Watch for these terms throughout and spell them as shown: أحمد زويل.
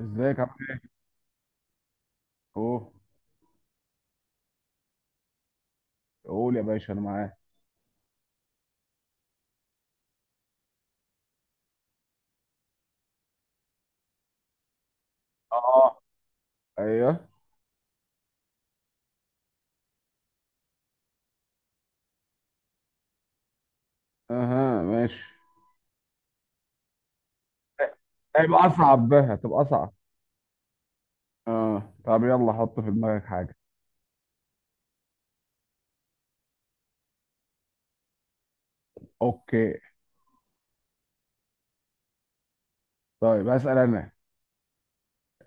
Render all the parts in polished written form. ازيك عامل ايه؟ اوه. قول يا باشا انا معاك. اه. ايوه. اها، ماشي. هيبقى اصعب بقى، هتبقى اصعب. اه، طب يلا حط في دماغك حاجه. اوكي. طيب هسأل انا.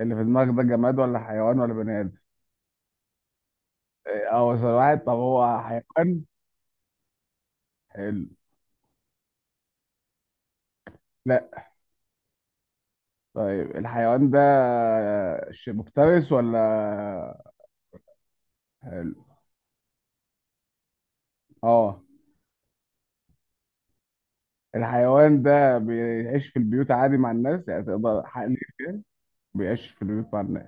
اللي في دماغك ده جماد ولا حيوان ولا بني ادم؟ إيه، اه، سؤال واحد، طب هو حيوان؟ حلو. لا. طيب الحيوان ده مفترس ولا؟ حلو. اه، الحيوان ده بيعيش في البيوت عادي مع الناس، يعني تقدر حقلي بيعيش في البيوت مع الناس.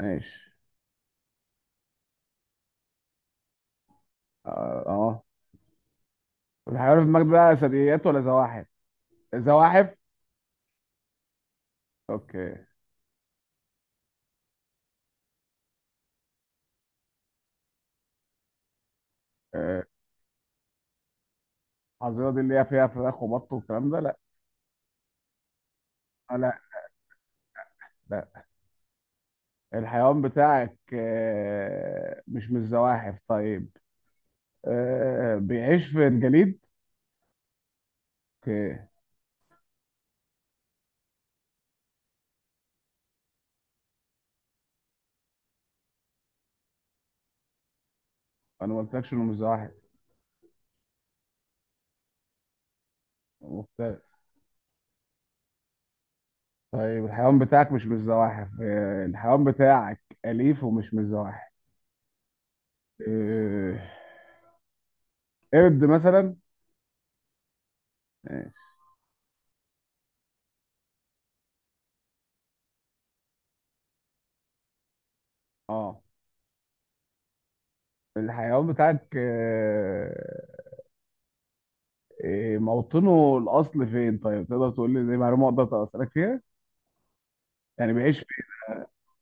ماشي. اه، آه. الحيوان في المجد ده ثدييات ولا زواحف؟ زواحف؟ اوكي. آه، الحظيرة دي اللي هي فيها فراخ وبط والكلام ده؟ لا. لا، لا. الحيوان بتاعك مش من الزواحف، طيب. بيعيش في الجليد؟ اوكي. انا ما قلتلكش انه مش زواحف. مختلف. طيب الحيوان بتاعك مش من الزواحف. الحيوان بتاعك أليف ومش من الزواحف. آه، قرد مثلا؟ اه. الحيوان بتاعك إيه موطنه الاصل فين؟ طيب تقدر تقول لي زي معلومه اقدر اسالك فيها؟ يعني بيعيش في.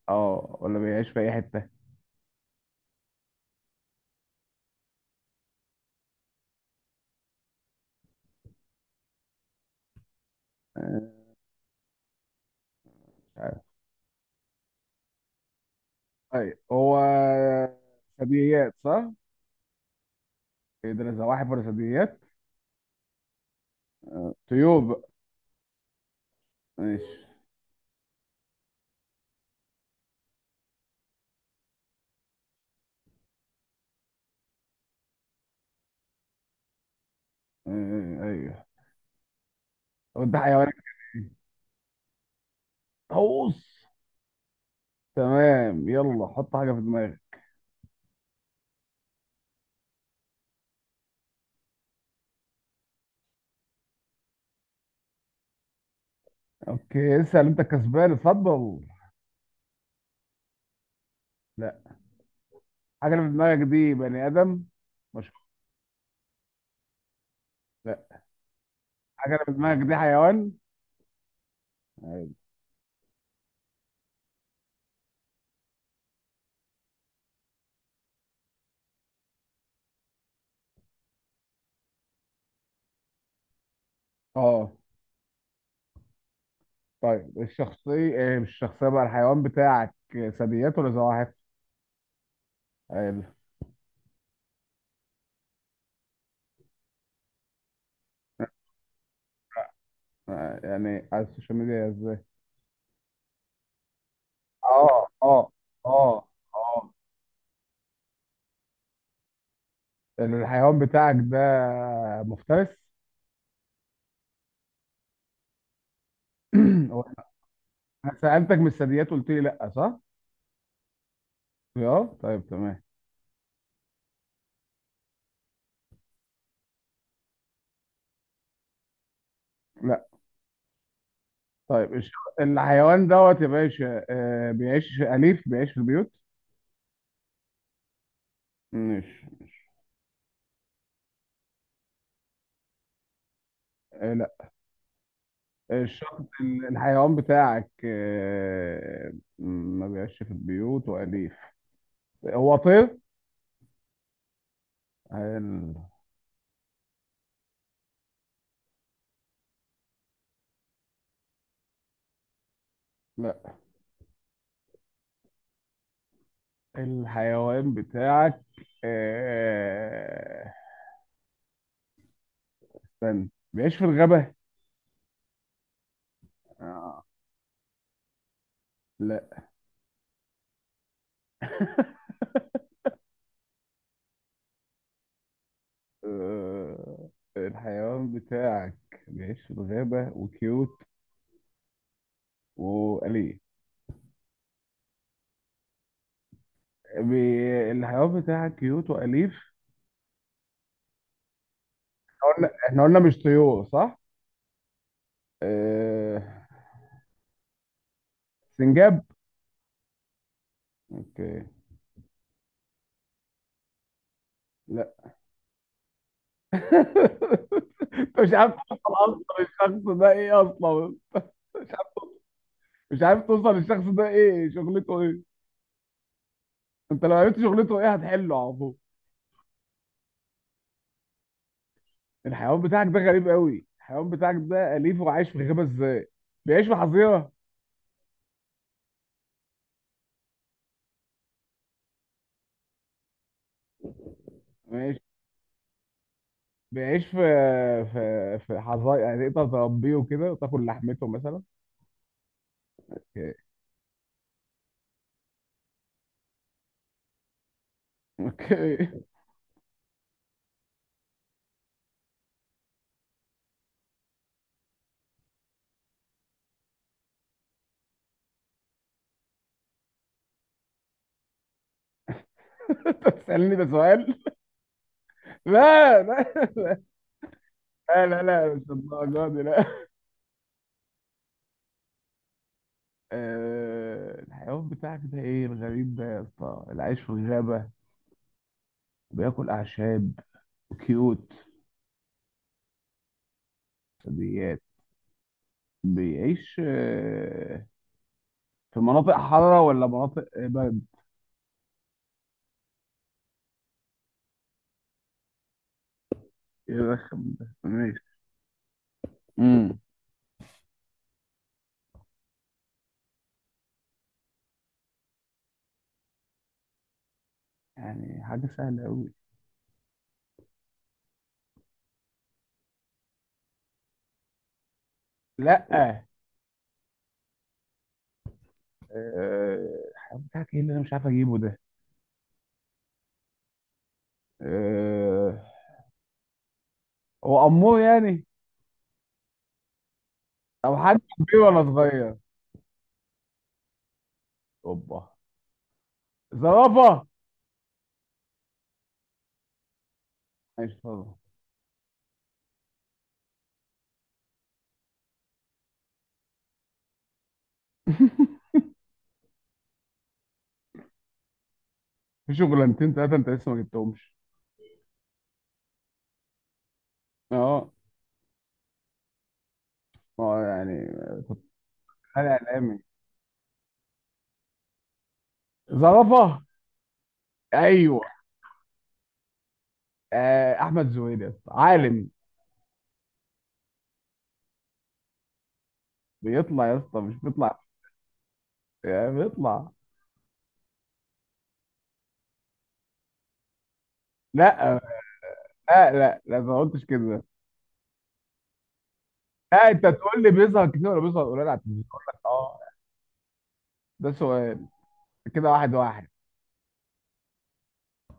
اه ولا بيعيش في اي حته؟ آه، مش عارف. طيب هو ثدييات صح؟ يقدر زواحف ولا ثدييات؟ طيور بقى. ماشي. ايوه. طب ده حيوان. طاووس. تمام، يلا حط حاجه في دماغك. اوكي، اسال انت كسبان، اتفضل. لا. حاجه اللي في دماغك دي بني ادم؟ مش لا. حاجه اللي في دماغك دي حيوان؟ أيوة. اه، طيب الشخصية مش الشخصية بقى، الحيوان بتاعك ثدييات ولا زواحف؟ آه، يعني على السوشيال ميديا ازاي؟ اه، اه، اه، اه. الحيوان بتاعك ده مفترس؟ هو انا سألتك من الثدييات قلت لي لا صح؟ اه، طيب تمام. لا. طيب الحيوان دوت يا باشا، بيعيش أليف، بيعيش في البيوت؟ مش لا. الشخص الحيوان بتاعك ما بيعيش في البيوت وأليف. هو طير؟ ال... لا. الحيوان بتاعك آه، استنى، بيعيش في الغابة. آه، لا. آه، الحيوان بتاعك بيعيش في الغابة وكيوت وأليف. الحيوان بتاعك كيوت وأليف. قلنا، احنا قلنا مش طيور صح؟ آه، سنجاب. اوكي. لا. انت مش عارف توصل اصلا الشخص ده ايه اصلا. مش مش عارف توصل للشخص ده ايه، شغلته ايه. انت لو عرفت شغلته ايه هتحله على طول. الحيوان بتاعك ده غريب قوي. الحيوان بتاعك ده اليف وعايش في غابه ازاي؟ بيعيش في حظيره؟ ماشي. بيعيش في حظايا، يعني تقدر تربيه وكده وتاكل لحمته مثلا؟ اوكي. اوكي. انت بتسالني ده سؤال؟ لا، لا، لا، لا، لا، مش الدرجه دي، لا. الحيوان بتاعك ده ايه الغريب ده يا اسطى اللي عايش في الغابه، بياكل اعشاب، كيوت، بيعيش في مناطق حارة ولا مناطق برد؟ يرخم ده، ماشي. امم يعني حاجة سهلة أوي. لأ. الحيوان بتاعك إيه اللي أنا مش عارف أجيبه ده؟ آه، هو أمور يعني؟ أو حد كبير ولا صغير؟ أوبا. زرافة. ماشي طبعا. في شغلانتين تلاتة أنت لسه ما جبتهمش. أه. أه يعني. أنا إعلامي. زرافة. أيوه. أحمد زويل يا اسطى، عالم. بيطلع يا اسطى، مش بيطلع. يعني اطلع. لا، لا، لا، لا، ما قلتش كده، لا. انت تقول لي بيظهر كتير ولا بيظهر قليل على التلفزيون، اقول لك اه. ده سؤال. كده واحد واحد.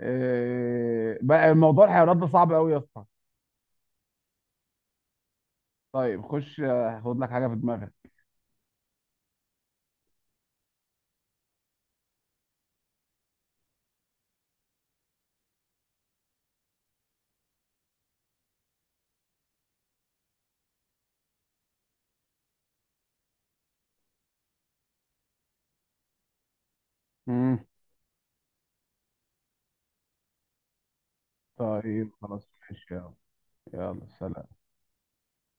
إيه بقى الموضوع الحيوانات ده صعب قوي يا اسطى. طيب خش آه، خد لك حاجه في دماغك. مم. طيب خلاص ماشي، يلا. يلا سلام.